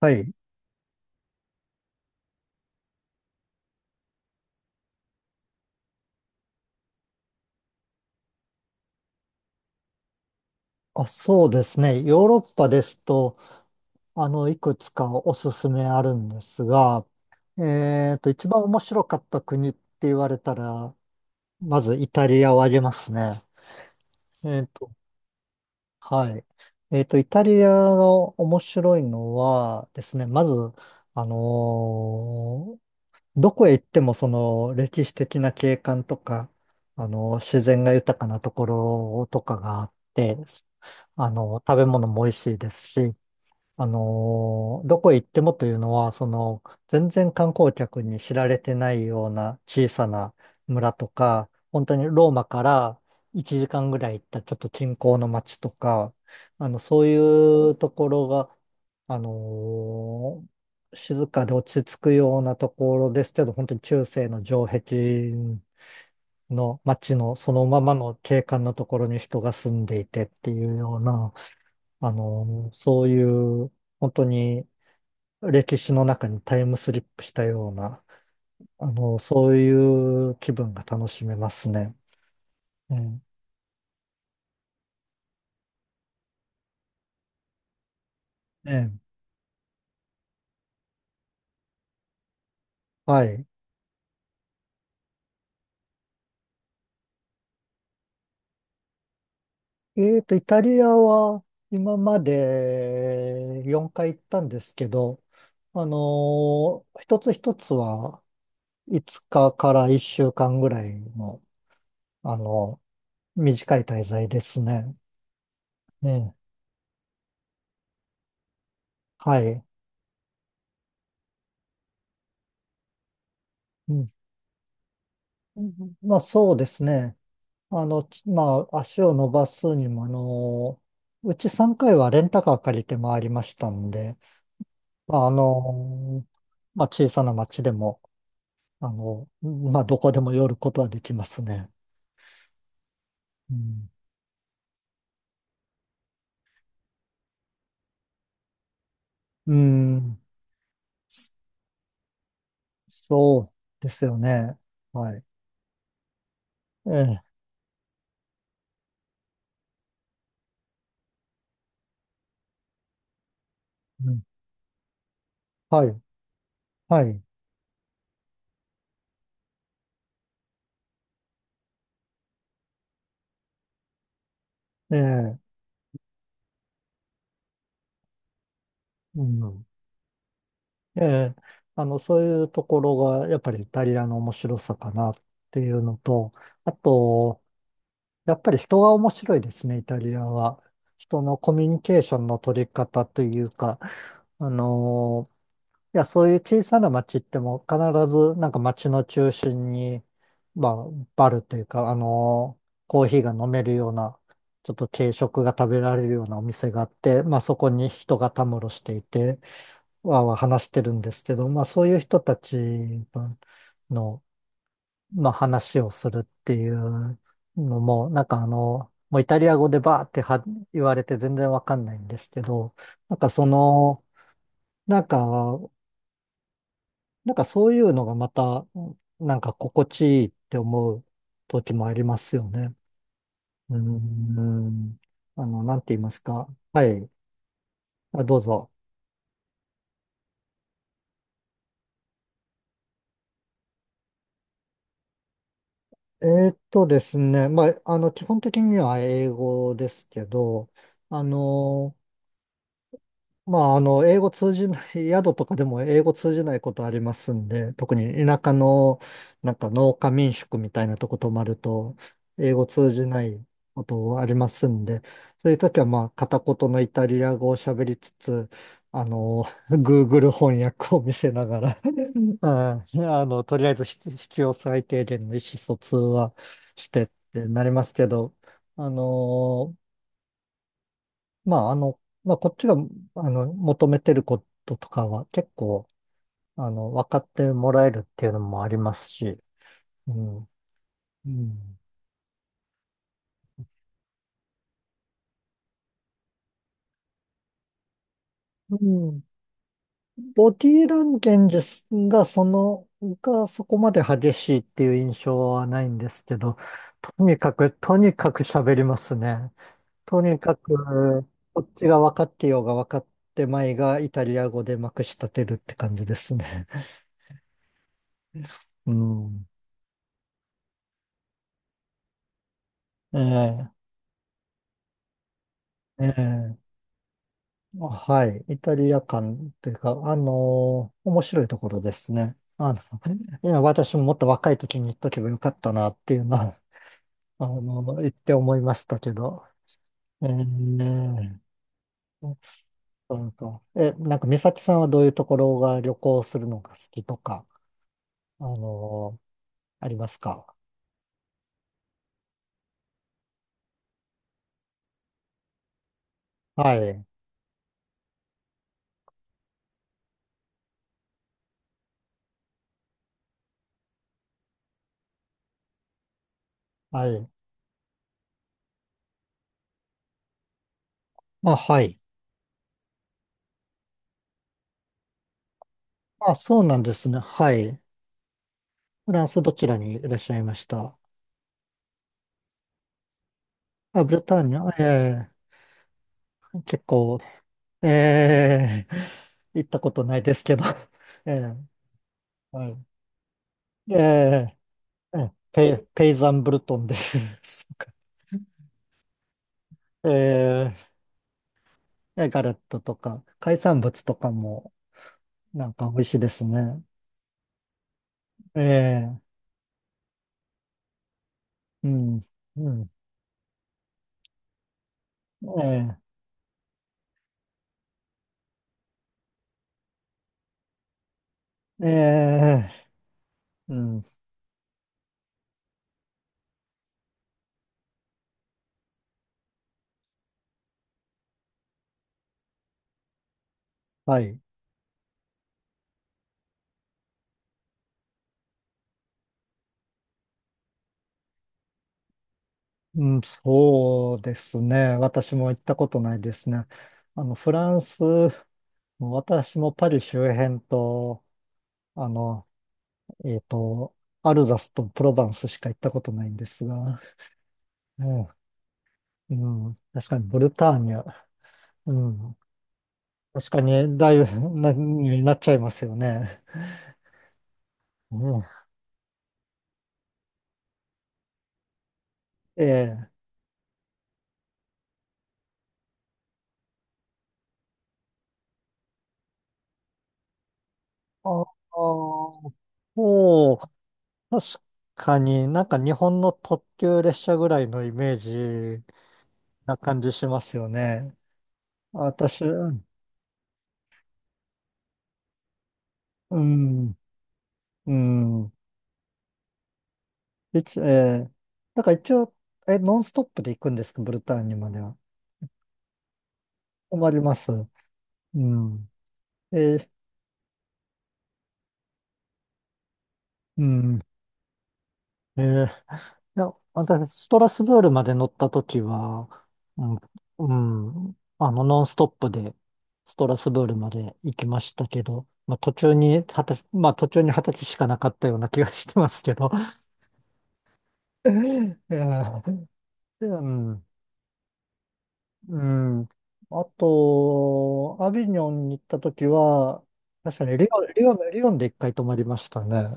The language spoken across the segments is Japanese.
はい。あ、そうですね。ヨーロッパですと、いくつかおすすめあるんですが、一番面白かった国って言われたら、まずイタリアを挙げますね。えっと、はい。イタリアが面白いのはですね、まず、あのーどこへ行ってもその歴史的な景観とか、自然が豊かなところとかがあって、食べ物も美味しいですし、どこへ行ってもというのは、全然観光客に知られてないような小さな村とか、本当にローマから1時間ぐらい行ったちょっと近郊の町とか、そういうところが、あのー静かで落ち着くようなところですけど、本当に中世の城壁の町のそのままの景観のところに人が住んでいてっていうような、あのーそういう、本当に歴史の中にタイムスリップしたような、そういう気分が楽しめますね。うん。ええ。はい。イタリアは今まで4回行ったんですけど、一つ一つは5日か1週間ぐらいの、あの、短い滞在ですね。ね。はい。うん。まあそうですね。まあ、足を伸ばすにも、うち3回はレンタカー借りて回りましたんで、まあ、まあ、小さな町でも、まあ、どこでも寄ることはできますね。うん、うんそうですよね。はい。ええ、うん、はい、はい。ええ、うん、ええ、そういうところが、やっぱりイタリアの面白さかなっていうのと、あと、やっぱり人が面白いですね、イタリアは。人のコミュニケーションの取り方というか、あのいや、そういう小さな町っても必ずなんか町の中心に、まあ、バルというか、コーヒーが飲めるような、ちょっと軽食が食べられるようなお店があって、まあそこに人がたむろしていて、わーわー話してるんですけど、まあそういう人たちの、まあ話をするっていうのも、なんかもうイタリア語でバーっては言われて全然わかんないんですけど、なんかその、なんか、なんかそういうのがまた、なんか心地いいって思う時もありますよね。うーん。なんて言いますか。はい。あ、どうぞ。ですね。まあ、基本的には英語ですけど、あの、英語通じない、宿とかでも英語通じないことありますんで、特に田舎の、なんか農家民宿みたいなとこ泊まると、英語通じないことありますんで、そういう時はまあ、片言のイタリア語を喋りつつ、あの、Google 翻訳を見せながら とりあえず必要最低限の意思疎通はしてってなりますけど、あのまあ、あの、まあ、こっちが、求めてることとかは結構、分かってもらえるっていうのもありますし、うん。うん。うん。ボディーランゲージが、そこまで激しいっていう印象はないんですけど、とにかく、とにかく喋りますね。とにかく、こっちが分かってようが分かってまいが、イタリア語でまくし立てるって感じですね。うん。ええ、ええ。あはい。イタリア館というか、面白いところですね。いや私ももっと若い時に行っとけばよかったなっていうのは、言って思いましたけど。えー、なんか、なんか、美咲さんはどういうところが旅行するのが好きとか、あのーありますか？はい。はい。あ、はい。あ、そうなんですね。はい。フランスどちらにいらっしゃいました？あ、ブルターニュ、ええ結構ええ 行ったことないですけど。ええはい。ええええペイザンブルトンです。そうかえええガレットとか、海産物とかもなんか美味しいですね。ええうん、うん、ええええうん、はい。うん、そうですね。私も行ったことないですね。フランス、私もパリ周辺と、あの、えっと、アルザスとプロヴァンスしか行ったことないんですが、うん、うん、確かにブルターニュ、うん、確かにだいぶ になっちゃいますよね。うん、ええ。ああ、おう、確かになんか日本の特急列車ぐらいのイメージな感じしますよね。私、うん、うん、うん、ええ、だから一応、ノンストップで行くんですか、ブルターニュまでは？困ります。うん。えーうん。えーいや、私、ストラスブールまで乗ったときは、うん、うん、ノンストップで、ストラスブールまで行きましたけど、まあ、途中に二十歳しかなかったような気がしてますけど。えーうん、うん。あと、アビニョンに行ったときは、確かにリオンで一回泊まりましたね。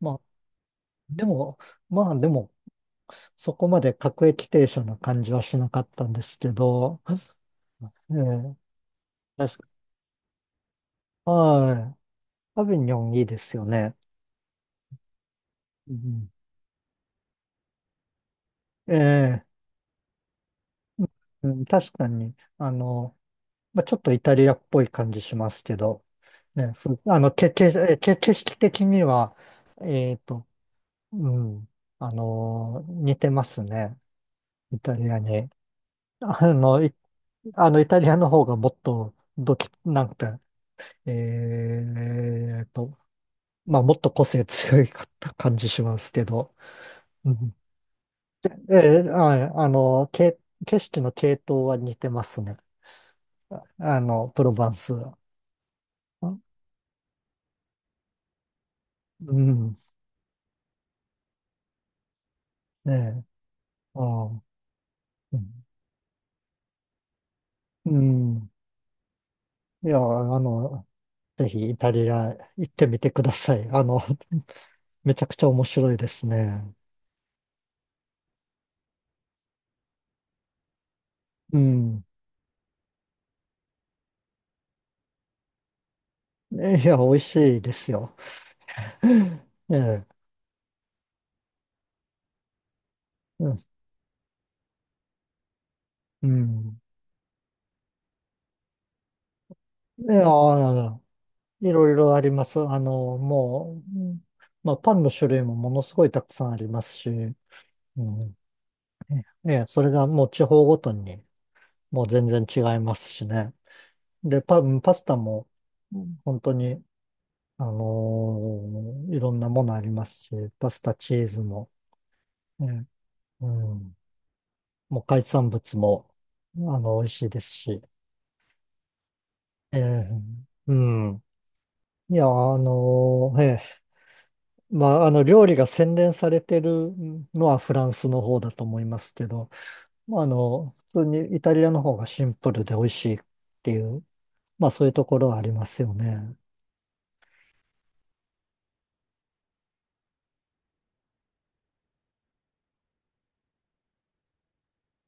まあ、でも、まあ、でも、そこまで各駅停車の感じはしなかったんですけど、ええ、確か、はい。アビニョンいいですよね。うん、ええ、うん、確かに、まあ、ちょっとイタリアっぽい感じしますけど、ね、ふあの、け、け、えけ、景色的には、えっと、うん、似てますね、イタリアに。あの、い、あの、イタリアの方がもっと、どき、なんか、えっと、まあ、もっと個性強いかった感じしますけど。うん、ええ、はい、景色の系統は似てますね。プロヴァンス。うん、ええ、ああ、うん、うんいや、あの、ぜひイタリア行ってみてください。めちゃくちゃ面白いですね。うん。いや、美味しいですよ。ええ、うん。うんいや、いろいろあります。もう、うんまあ、パンの種類もものすごいたくさんありますし、うん、ええ、それがもう地方ごとにもう全然違いますしね。で、パン、パスタもうん本当に、いろんなものありますし、パスタ、チーズも、ね、うん、もう海産物も、美味しいですし、ええ、うん。いや、まあ、料理が洗練されてるのはフランスの方だと思いますけど、まあ、普通にイタリアの方がシンプルで美味しいっていう、まあ、そういうところはありますよね。